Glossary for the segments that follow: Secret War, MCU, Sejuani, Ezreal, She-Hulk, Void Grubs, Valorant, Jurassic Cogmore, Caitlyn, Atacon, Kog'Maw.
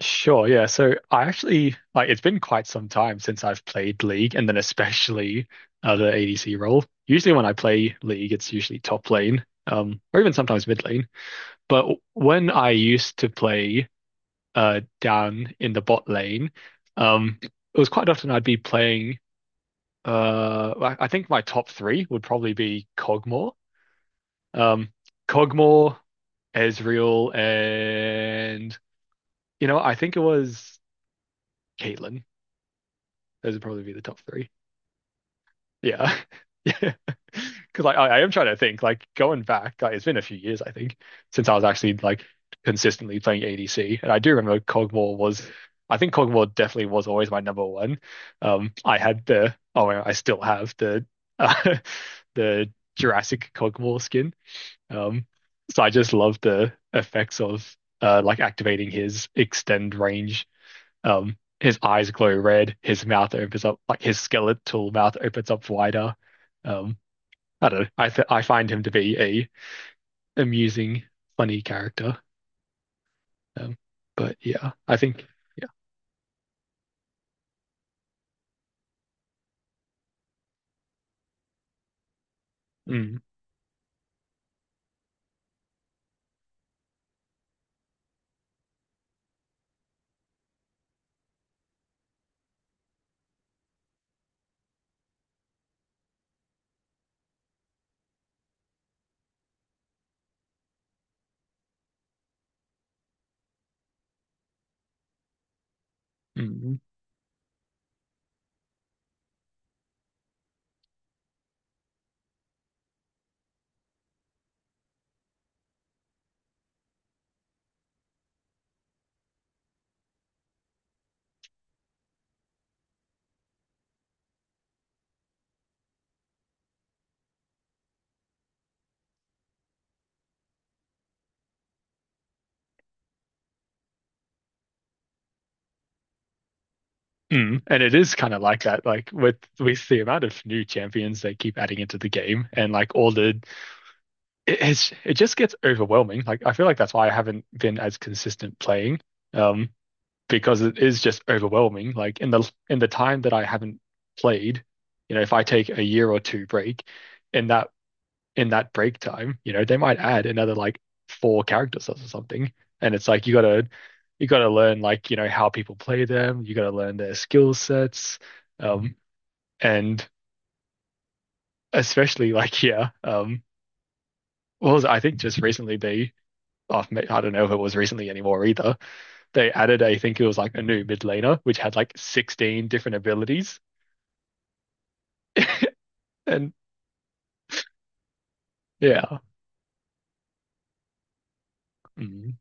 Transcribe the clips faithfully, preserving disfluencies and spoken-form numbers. Sure, yeah. So I actually like it's been quite some time since I've played League and then especially uh, the A D C role. Usually when I play League, it's usually top lane, um, or even sometimes mid lane. But w- when I used to play uh down in the bot lane, um, it was quite often I'd be playing uh I I think my top three would probably be Kog'Maw. Um Kog'Maw, Ezreal, and you know, I think it was Caitlyn. Those would probably be the top three. Yeah. Yeah. Because like I, I am trying to think, like going back, like it's been a few years, I think, since I was actually like consistently playing A D C. And I do remember Cogmore was I think Cogmore definitely was always my number one. Um I had the oh I still have the uh, the Jurassic Cogmore skin. Um so I just love the effects of uh like activating his extend range, um, his eyes glow red, his mouth opens up, like his skeletal mouth opens up wider. Um, I don't know. I th I find him to be a amusing, funny character. Um, but yeah, I think yeah. Mm, mm, mm. And it is kind of like that, like with with the amount of new champions they keep adding into the game, and like all the it, it's, it just gets overwhelming. Like I feel like that's why I haven't been as consistent playing. Um, because it is just overwhelming. Like in the in the time that I haven't played, you know, if I take a year or two break, in that in that break time, you know, they might add another like four character sets or something. And it's like you gotta you gotta learn, like, you know, how people play them, you gotta learn their skill sets. Um and Especially like yeah, um what was it? I think just recently they oh, I don't know if it was recently anymore either. They added, I think it was like a new mid laner, which had like sixteen different abilities. And yeah. Mm,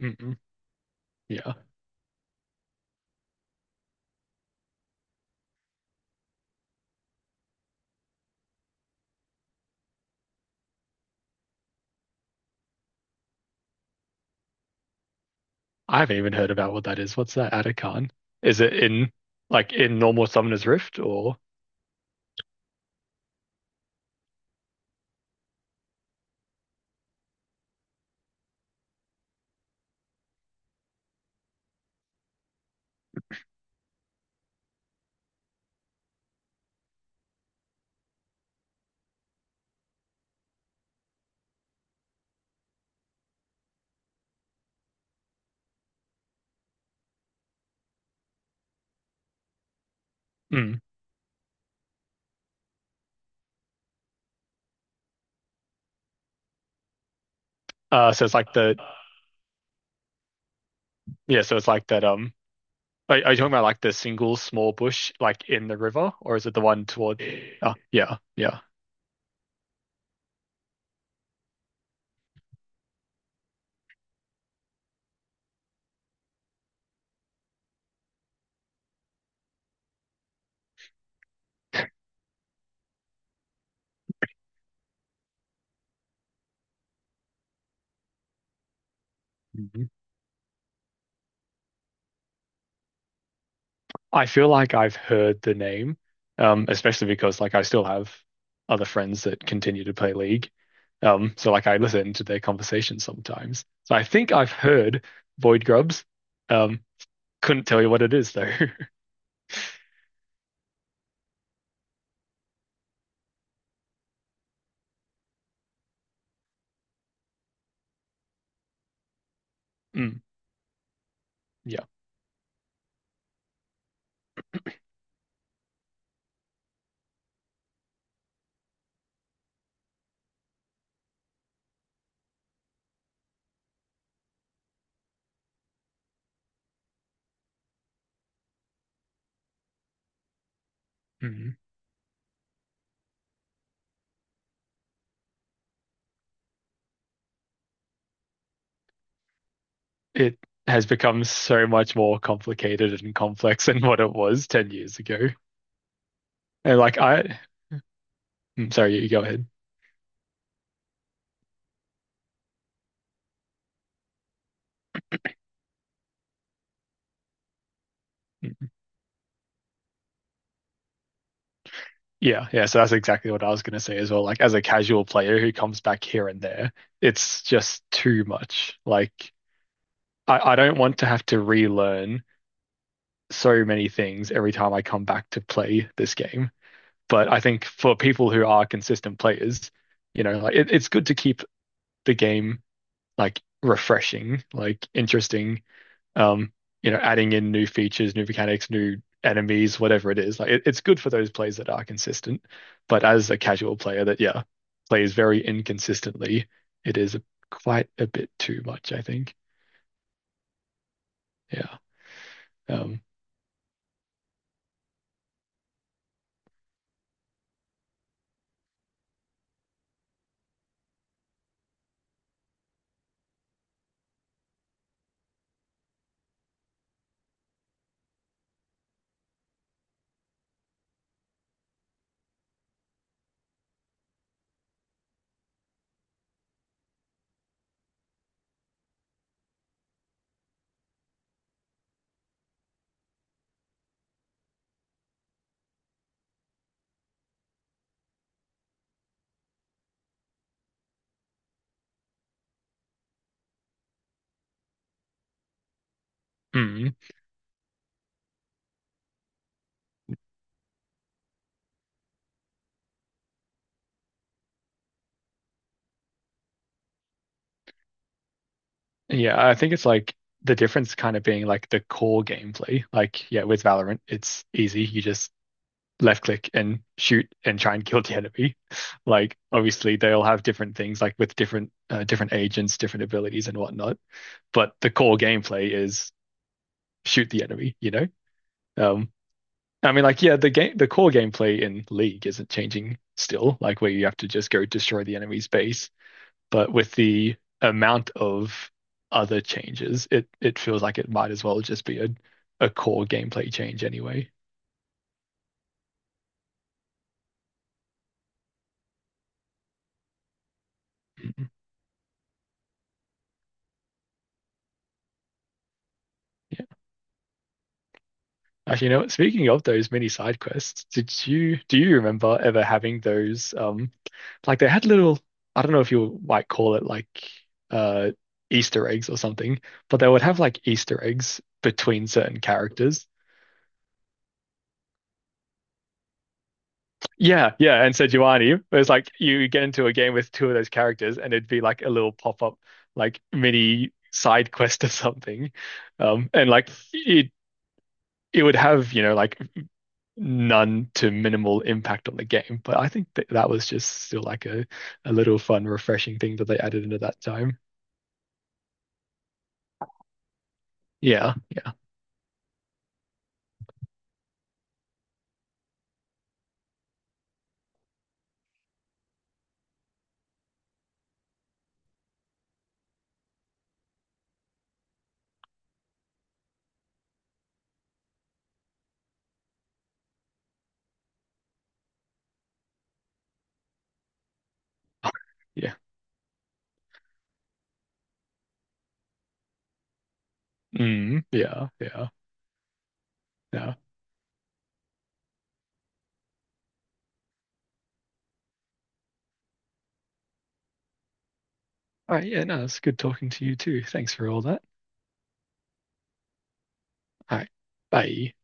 mm, yeah. I haven't even heard about what that is. What's that Atacon? Is it in like in normal Summoner's Rift or mm. uh so it's like the yeah, so it's like that um are, are you talking about like the single small bush like in the river or is it the one toward oh yeah, yeah. Mm-hmm. I feel like I've heard the name, um, especially because like I still have other friends that continue to play League. Um, so like I listen to their conversations sometimes. So I think I've heard Void Grubs. Um, couldn't tell you what it is though. Mm, yeah. Mm. It has become so much more complicated and complex than what it was ten years ago. And like I, mm, sorry, you go ahead. Yeah, yeah. So that's exactly what I was going to say as well. Like, as a casual player who comes back here and there, it's just too much. Like, I, I don't want to have to relearn so many things every time I come back to play this game. But I think for people who are consistent players, you know, like it, it's good to keep the game like refreshing, like interesting, um, you know, adding in new features, new mechanics, new enemies, whatever it is. Like it, it's good for those plays that are consistent. But as a casual player that, yeah, plays very inconsistently, it is a, quite a bit too much, I think. Yeah. Um, mm. Yeah, I think it's like the difference kind of being like the core gameplay. Like, yeah, with Valorant, it's easy. You just left click and shoot and try and kill the enemy. Like, obviously, they all have different things, like with different uh, different agents, different abilities, and whatnot. But the core gameplay is shoot the enemy, you know? Um, I mean, like, yeah, the game, the core gameplay in League isn't changing still, like where you have to just go destroy the enemy's base. But with the amount of other changes, it it feels like it might as well just be a, a core gameplay change anyway. Mm-hmm. Actually, you know what? Speaking of those mini side quests, did you do you remember ever having those? Um, like they had little, I don't know if you might call it like uh Easter eggs or something, but they would have like Easter eggs between certain characters. Yeah, yeah, and Sejuani, it was like you get into a game with two of those characters, and it'd be like a little pop up, like mini side quest or something, um, and like it it would have, you know, like none to minimal impact on the game. But I think that that was just still like a, a little fun, refreshing thing that they added into that time. Yeah, yeah, yeah. Mm, yeah, yeah, yeah. All right, yeah, no, it's good talking to you too. Thanks for all that. All right, bye.